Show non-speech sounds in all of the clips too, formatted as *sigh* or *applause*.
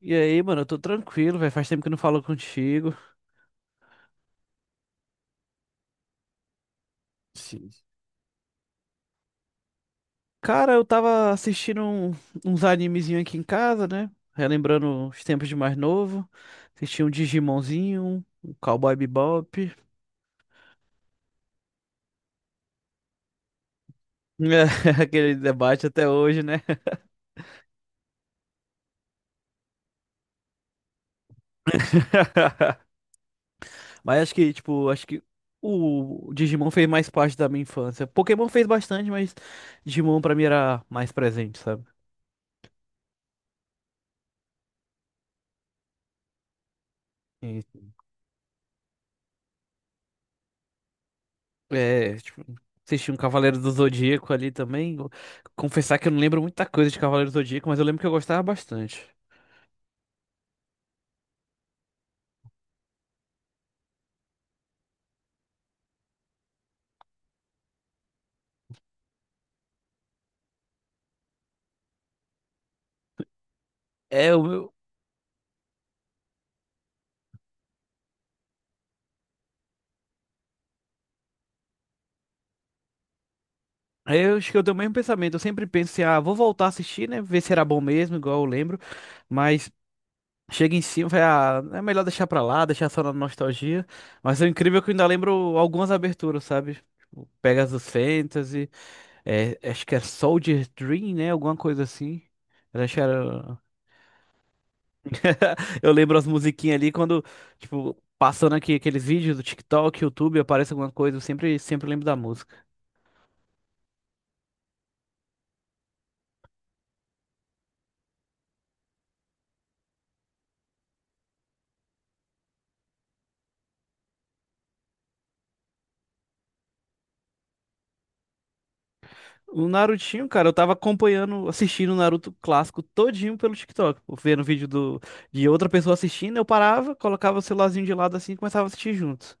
E aí, mano, eu tô tranquilo, velho. Faz tempo que eu não falo contigo. Sim. Cara, eu tava assistindo uns animezinhos aqui em casa, né? Relembrando os tempos de mais novo. Assisti um Digimonzinho, um Cowboy Bebop. *laughs* Aquele debate até hoje, né? *laughs* Mas acho que o Digimon fez mais parte da minha infância. Pokémon fez bastante, mas Digimon pra mim era mais presente, sabe? É, tipo, assisti um Cavaleiro do Zodíaco ali também. Vou confessar que eu não lembro muita coisa de Cavaleiro do Zodíaco, mas eu lembro que eu gostava bastante. É, o meu. Eu acho que eu tenho o mesmo pensamento. Eu sempre penso assim, ah, vou voltar a assistir, né? Ver se era bom mesmo, igual eu lembro. Mas chega em cima, vai, ah, é melhor deixar pra lá, deixar só na nostalgia. Mas é incrível é que eu ainda lembro algumas aberturas, sabe? Tipo, Pegasus Fantasy, é, acho que é Soldier Dream, né? Alguma coisa assim. Eu acho que era. *laughs* Eu lembro as musiquinhas ali quando, tipo, passando aqui aqueles vídeos do TikTok, YouTube, aparece alguma coisa, eu sempre, sempre lembro da música. O Narutinho, cara, eu tava acompanhando, assistindo o Naruto clássico todinho pelo TikTok, pô, vendo vídeo do, de outra pessoa assistindo, eu parava, colocava o celularzinho de lado assim e começava a assistir junto.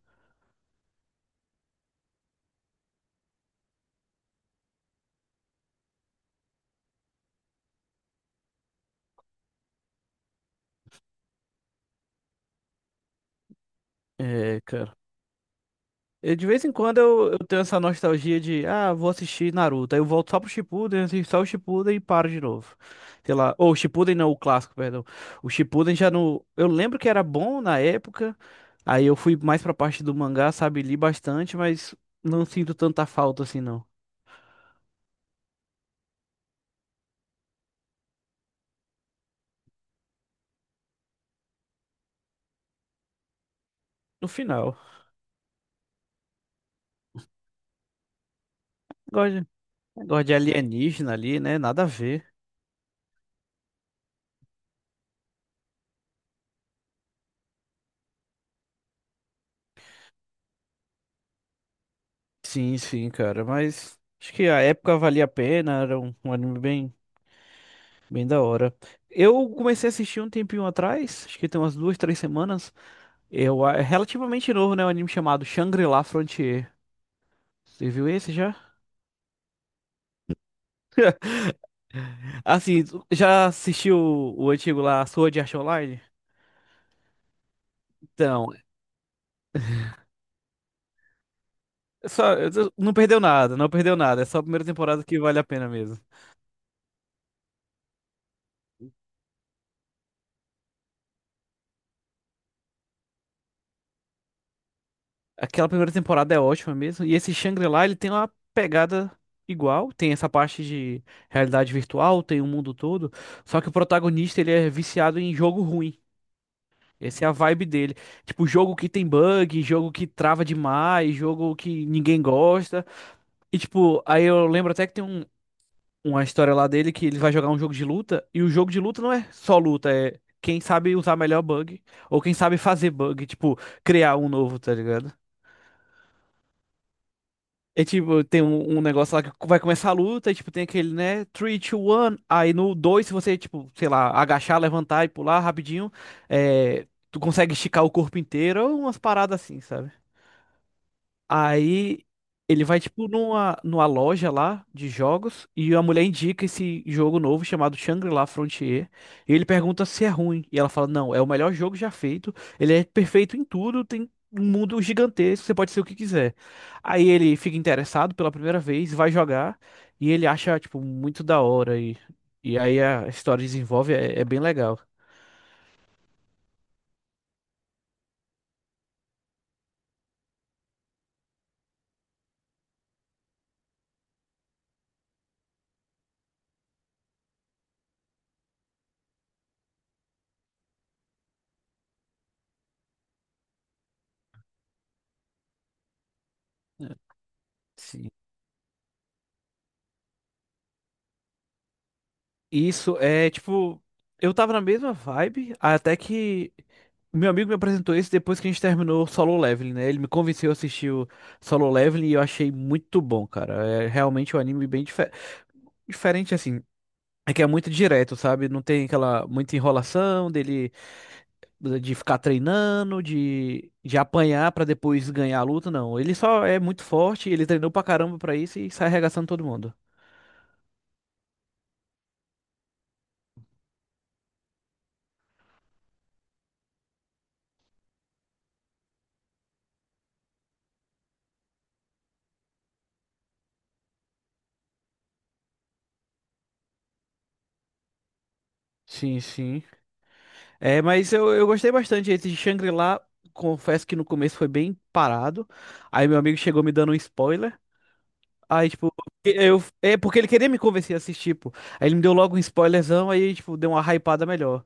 É, cara. Eu, de vez em quando eu tenho essa nostalgia de, ah, vou assistir Naruto. Aí eu volto só pro Shippuden, assisto só o Shippuden e paro de novo. Sei lá. Ou o Shippuden não, o clássico, perdão. O Shippuden já no Eu lembro que era bom na época. Aí eu fui mais pra parte do mangá, sabe? Li bastante, mas não sinto tanta falta assim, não. No final. Gosto de, gosto de alienígena ali, né? Nada a ver. Sim, sim, cara. Mas acho que a época valia a pena. Era um anime bem. Bem da hora. Eu comecei a assistir um tempinho atrás, acho que tem umas duas, três semanas. É relativamente novo, né? Um anime chamado Shangri-La Frontier. Você viu esse já? Assim, tu já assistiu o antigo lá, Sword Art Online? Então, não perdeu nada, não perdeu nada. É só a primeira temporada que vale a pena mesmo. Aquela primeira temporada é ótima mesmo. E esse Shangri-La, ele tem uma pegada igual. Tem essa parte de realidade virtual, tem o mundo todo. Só que o protagonista, ele é viciado em jogo ruim. Essa é a vibe dele. Tipo, jogo que tem bug, jogo que trava demais, jogo que ninguém gosta. E, tipo, aí eu lembro até que tem uma história lá dele que ele vai jogar um jogo de luta. E o jogo de luta não é só luta, é quem sabe usar melhor bug. Ou quem sabe fazer bug, tipo, criar um novo, tá ligado? É tipo, tem um negócio lá que vai começar a luta, e, tipo, tem aquele, né? 3, 2, 1. Aí no 2 se você, tipo, sei lá, agachar, levantar e pular rapidinho, é, tu consegue esticar o corpo inteiro, ou umas paradas assim, sabe? Aí ele vai, tipo, numa loja lá de jogos e a mulher indica esse jogo novo chamado Shangri-La Frontier. E ele pergunta se é ruim. E ela fala: Não, é o melhor jogo já feito. Ele é perfeito em tudo, tem um mundo gigantesco, você pode ser o que quiser. Aí ele fica interessado pela primeira vez, vai jogar e ele acha, tipo, muito da hora. E aí a história desenvolve, é bem legal. É. Sim. Isso é tipo, eu tava na mesma vibe, até que meu amigo me apresentou esse depois que a gente terminou o Solo Leveling, né? Ele me convenceu a assistir o Solo Leveling e eu achei muito bom, cara. É realmente um anime bem diferente assim. É que é muito direto, sabe? Não tem aquela muita enrolação dele de ficar treinando, de apanhar pra depois ganhar a luta, não. Ele só é muito forte, ele treinou pra caramba pra isso e sai arregaçando todo mundo. Sim, sim. É, mas eu gostei bastante. Esse de Shangri-La, confesso que no começo foi bem parado. Aí meu amigo chegou me dando um spoiler. Aí, tipo, é porque ele queria me convencer a assistir, pô. Aí ele me deu logo um spoilerzão, aí, tipo, deu uma hypada melhor.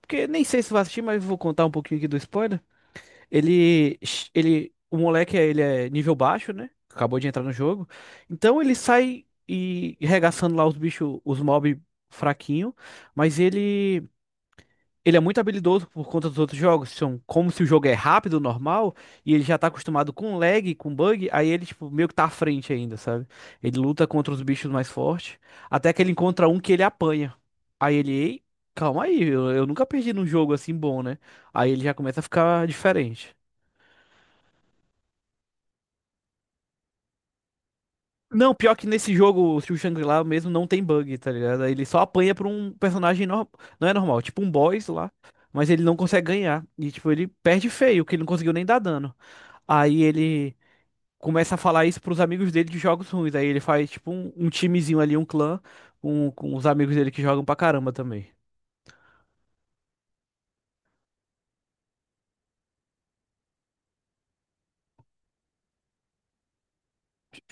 Porque nem sei se vai assistir, mas vou contar um pouquinho aqui do spoiler. Ele, ele, o moleque, ele é nível baixo, né? Acabou de entrar no jogo. Então ele sai e regaçando lá os bichos, os mob fraquinho, mas ele é muito habilidoso por conta dos outros jogos. São como se o jogo é rápido, normal, e ele já tá acostumado com lag, com bug, aí ele, tipo, meio que tá à frente ainda, sabe? Ele luta contra os bichos mais fortes, até que ele encontra um que ele apanha. Aí ele, ei, calma aí, eu nunca perdi num jogo assim bom, né? Aí ele já começa a ficar diferente. Não, pior que nesse jogo, o Shangri-La mesmo não tem bug, tá ligado? Ele só apanha pra um personagem normal. Não é normal, tipo um boss lá. Mas ele não consegue ganhar. E, tipo, ele perde feio, que ele não conseguiu nem dar dano. Aí ele começa a falar isso pros amigos dele de jogos ruins. Aí ele faz, tipo, um timezinho ali, um clã, com os amigos dele que jogam pra caramba também.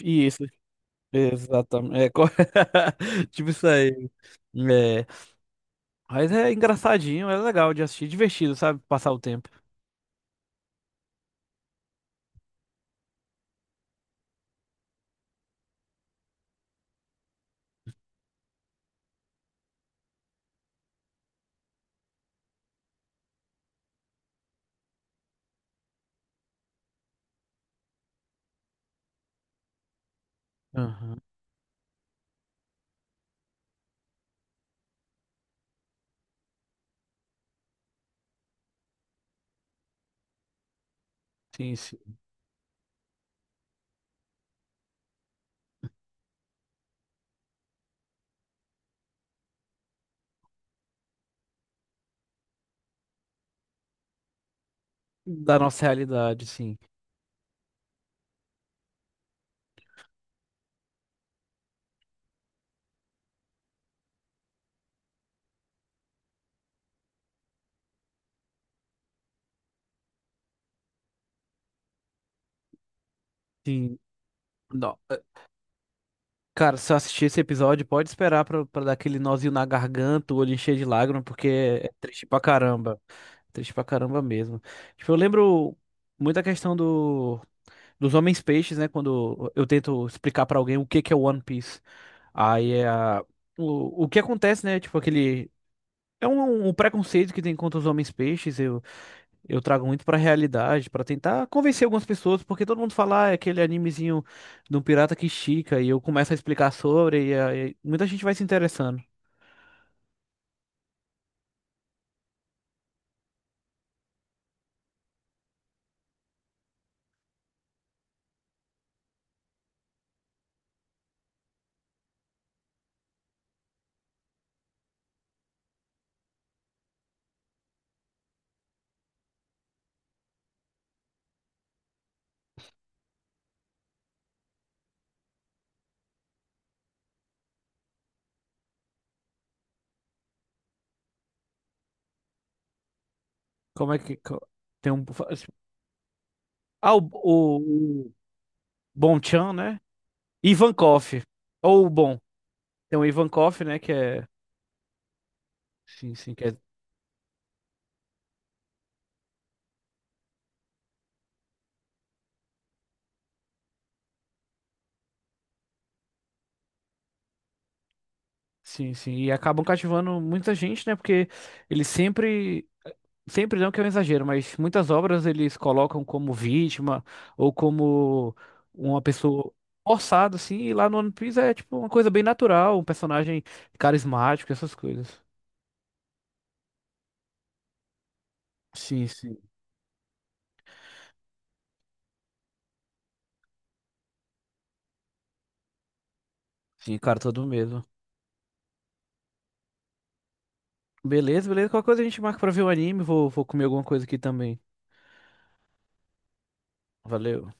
Isso, exatamente. É, *laughs* tipo isso aí. É. Mas é engraçadinho, é legal de assistir, divertido, sabe? Passar o tempo. Aham. Sim, sim. Da nossa realidade, sim. Sim. Não. Cara, se eu assistir esse episódio, pode esperar pra dar aquele nozinho na garganta, o olho encher de lágrima, porque é triste pra caramba. Triste pra caramba mesmo. Tipo, eu lembro muito a questão do, dos homens peixes, né? Quando eu tento explicar pra alguém o que que é One Piece. Aí é a- o que acontece, né? Tipo, aquele. É um preconceito que tem contra os homens peixes. Eu trago muito pra realidade, pra tentar convencer algumas pessoas, porque todo mundo fala, ah, é aquele animezinho do pirata que estica, e eu começo a explicar sobre, e aí muita gente vai se interessando. Como é que. Co- Tem um. Ah, o Bonchan, né? Ivankov. Ou o Bon. Tem o Ivankov, né? Que é. Sim, sim, que é. Sim, sim. E acabam cativando muita gente, né? Porque ele sempre. Sempre não que é um exagero, mas muitas obras eles colocam como vítima ou como uma pessoa forçada, assim, e lá no One Piece é tipo uma coisa bem natural, um personagem carismático, essas coisas. Sim, sim. Sim, cara, todo mesmo. Beleza, beleza. Qualquer coisa a gente marca pra ver o anime, vou comer alguma coisa aqui também. Valeu.